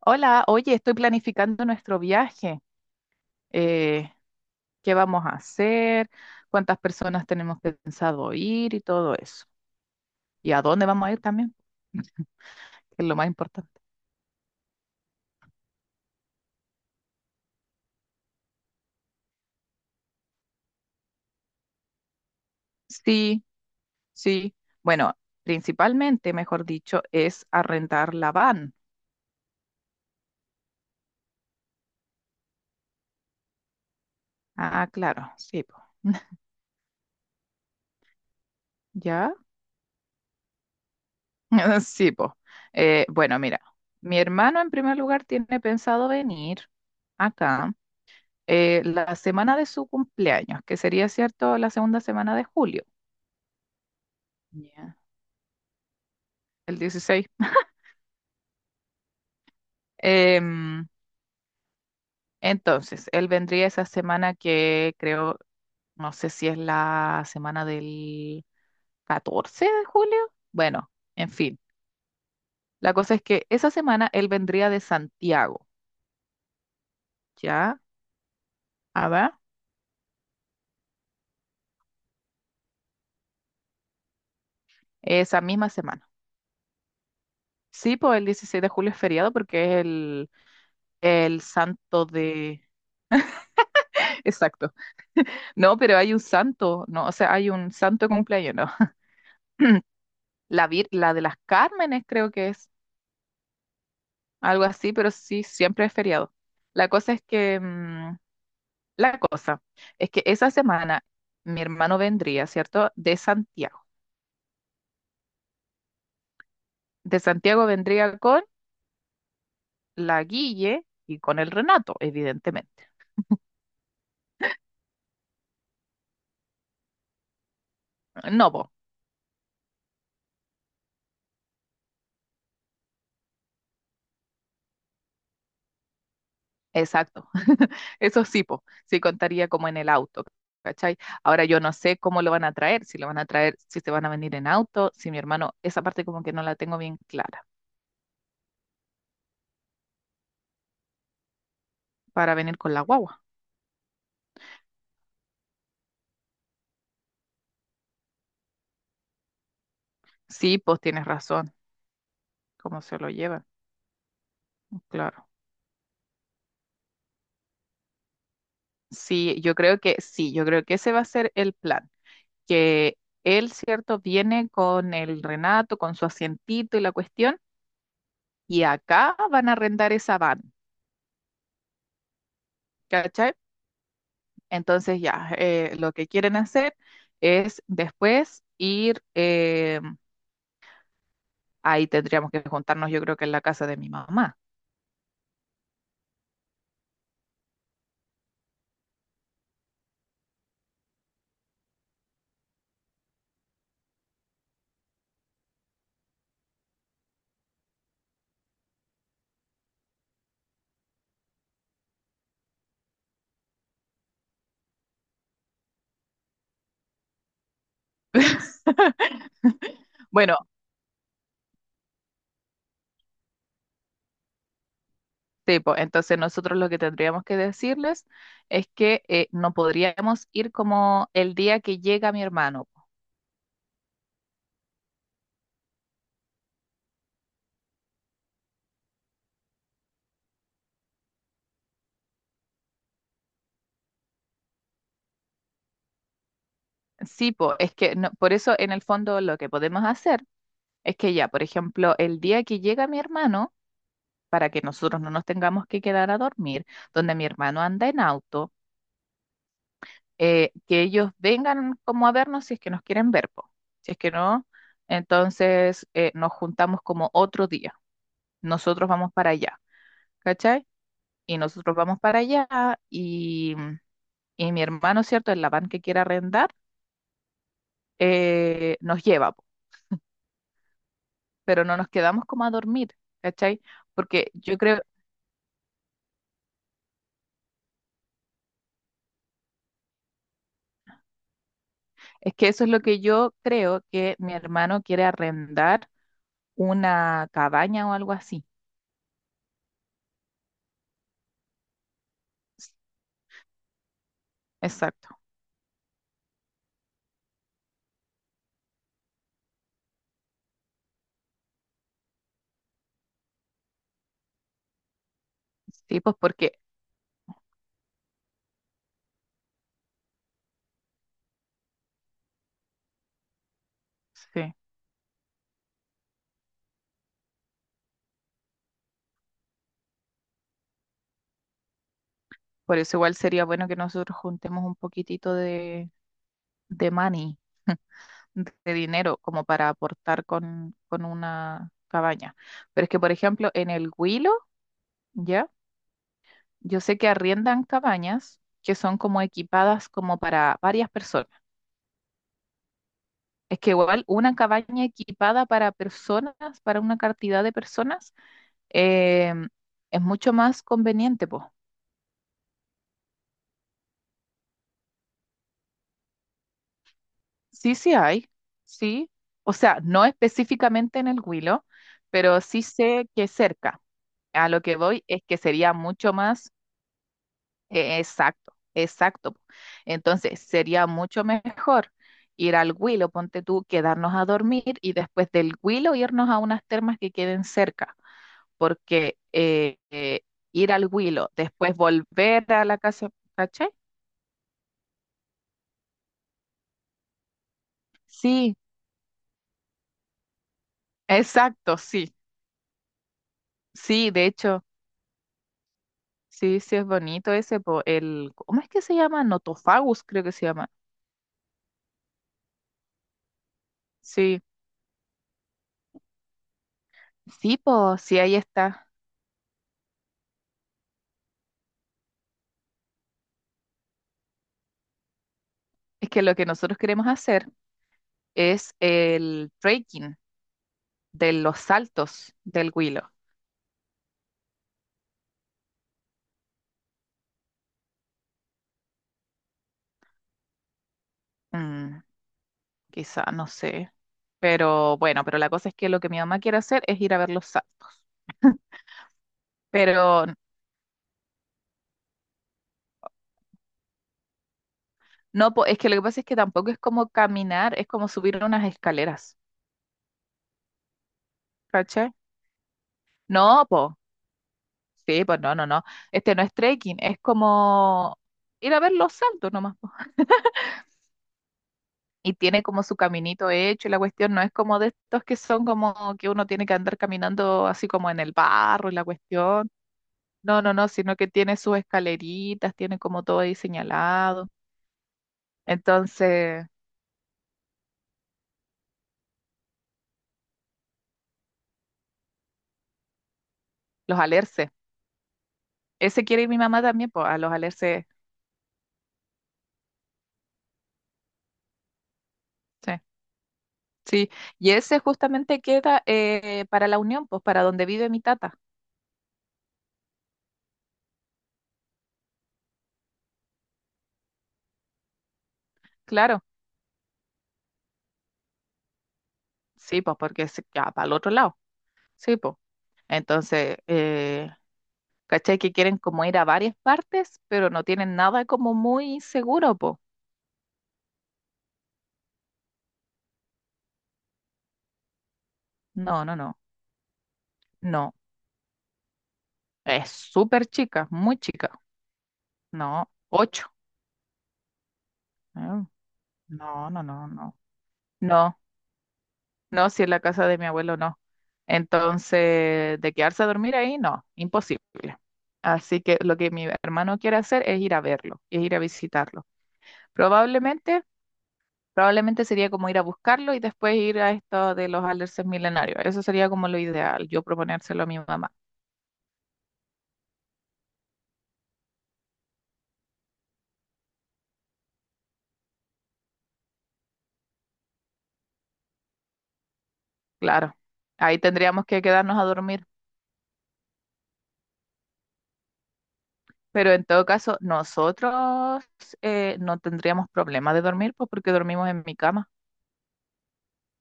Hola, oye, estoy planificando nuestro viaje. Eh, ¿Qué vamos a hacer? ¿Cuántas personas tenemos pensado ir y todo eso? ¿Y a dónde vamos a ir también? Que es lo más importante. Sí, sí. Bueno, principalmente, mejor dicho, es arrendar la van. Ah, claro, sí, po. ¿Ya? Sí, po. Bueno, mira, mi hermano en primer lugar tiene pensado venir acá la semana de su cumpleaños, que sería, ¿cierto?, la segunda semana de julio. Ya. El 16. Em, entonces, él vendría esa semana que creo, no sé si es la semana del 14 de julio. Bueno, en fin. La cosa es que esa semana él vendría de Santiago, ¿ya? A ver, esa misma semana. Sí, pues el 16 de julio es feriado porque es el santo de... Exacto. No, pero hay un santo, ¿no? O sea, hay un santo de cumpleaños, ¿no? La de las Cármenes creo que es. Algo así, pero sí, siempre es feriado. La cosa es que, mm, la cosa es que esa semana mi hermano vendría, ¿cierto? De Santiago. De Santiago vendría con la Guille y con el Renato, evidentemente. No, po, exacto. Eso sí, po, sí contaría como en el auto, ¿cachai? Ahora yo no sé cómo lo van a traer, si lo van a traer, si se van a venir en auto, si mi hermano, esa parte como que no la tengo bien clara, para venir con la guagua. Sí, pues tienes razón, cómo se lo llevan, claro. Sí, yo creo que sí, yo creo que ese va a ser el plan, que él, cierto, viene con el Renato, con su asientito y la cuestión, y acá van a arrendar esa van, ¿cachai? Entonces ya, lo que quieren hacer es después ir, ahí tendríamos que juntarnos, yo creo que en la casa de mi mamá. Bueno, tipo, entonces nosotros lo que tendríamos que decirles es que no podríamos ir como el día que llega mi hermano. Sí, po, es que por eso en el fondo lo que podemos hacer es que ya, por ejemplo, el día que llega mi hermano, para que nosotros no nos tengamos que quedar a dormir, donde mi hermano anda en auto, que ellos vengan como a vernos si es que nos quieren ver, po. Si es que no, entonces nos juntamos como otro día. Nosotros vamos para allá, ¿cachai? Y nosotros vamos para allá y, y mi hermano, ¿cierto? El van que quiera arrendar, nos lleva. Pero no nos quedamos como a dormir, ¿cachai? Porque yo creo, es que eso es lo que yo creo que mi hermano quiere arrendar una cabaña o algo así. S- Exacto. Sí, pues porque, sí, por eso igual sería bueno que nosotros juntemos un poquitito de money, de dinero, como para aportar con una cabaña. Pero es que, por ejemplo, en el Huilo, ¿ya? Yo sé que arriendan cabañas que son como equipadas como para varias personas. Es que igual una cabaña equipada para personas, para una cantidad de personas, eh, es mucho más conveniente, pues. Sí, sí hay, sí. O sea, no específicamente en el Huilo, pero sí sé que cerca. A lo que voy es que sería mucho más, exacto, exacto. Entonces, sería mucho mejor ir al Huilo, ponte tú, quedarnos a dormir y después del Huilo irnos a unas termas que queden cerca. Porque ir al Huilo, después volver a la casa, ¿cachai? Sí, exacto, sí, sí, de hecho, sí, sí es bonito ese, po, el, ¿cómo es que se llama? Notofagus, creo que se llama. Sí, sí, pues sí, ahí está. Es que lo que nosotros queremos hacer es el trekking de los saltos del Huilo. Mm, Quizá, no sé. Pero bueno, pero la cosa es que lo que mi mamá quiere hacer es ir a ver los saltos. Pero no, po, es que lo que pasa es que tampoco es como caminar, es como subir unas escaleras, ¿cachai? No, po, sí, pues no, no, no. Este no es trekking, es como ir a ver los saltos nomás, po. Y tiene como su caminito hecho y la cuestión no es como de estos que son como que uno tiene que andar caminando así como en el barro y la cuestión. No, no, no, sino que tiene sus escaleritas, tiene como todo ahí señalado. Entonces, los alerces. Ese quiere ir mi mamá también, pues, a los alerces. Sí. Sí, y ese justamente queda para la Unión, pues para donde vive mi tata. Claro, sí, pues porque es ya para el otro lado. Sí, pues. Entonces, ¿cachai que quieren como ir a varias partes, pero no tienen nada como muy seguro, pues? No, no, no, no. Es súper chica, muy chica. No, ocho. Mm, no, no, no, no. No, no, si es la casa de mi abuelo no. Entonces, de quedarse a dormir ahí, no, imposible. Así que lo que mi hermano quiere hacer es ir a verlo, es ir a visitarlo. Probablemente, probablemente sería como ir a buscarlo y después ir a esto de los alerces milenarios. Eso sería como lo ideal, yo proponérselo a mi mamá. Claro, ahí tendríamos que quedarnos a dormir. Pero en todo caso, nosotros no tendríamos problema de dormir, pues porque dormimos en mi cama,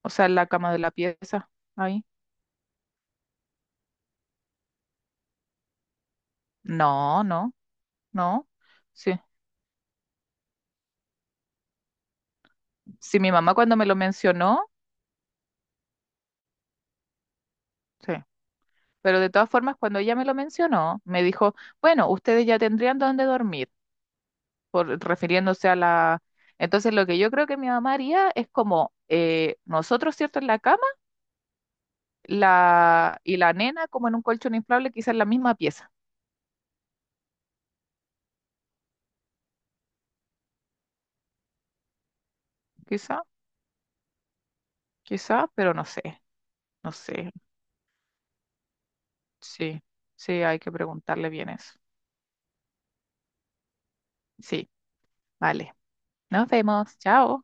o sea, en la cama de la pieza, ahí. No, no. No, sí. Sí, mi mamá cuando me lo mencionó, sí. Pero de todas formas, cuando ella me lo mencionó, me dijo, bueno, ustedes ya tendrían dónde dormir, por, refiriéndose a la... Entonces, lo que yo creo que mi mamá haría es como nosotros, ¿cierto? En la cama la, y la nena como en un colchón inflable, quizás en la misma pieza. Quizá, quizá, pero no sé, no sé. Sí, sí, hay que preguntarle bien eso. Sí, vale. Nos vemos. Chao.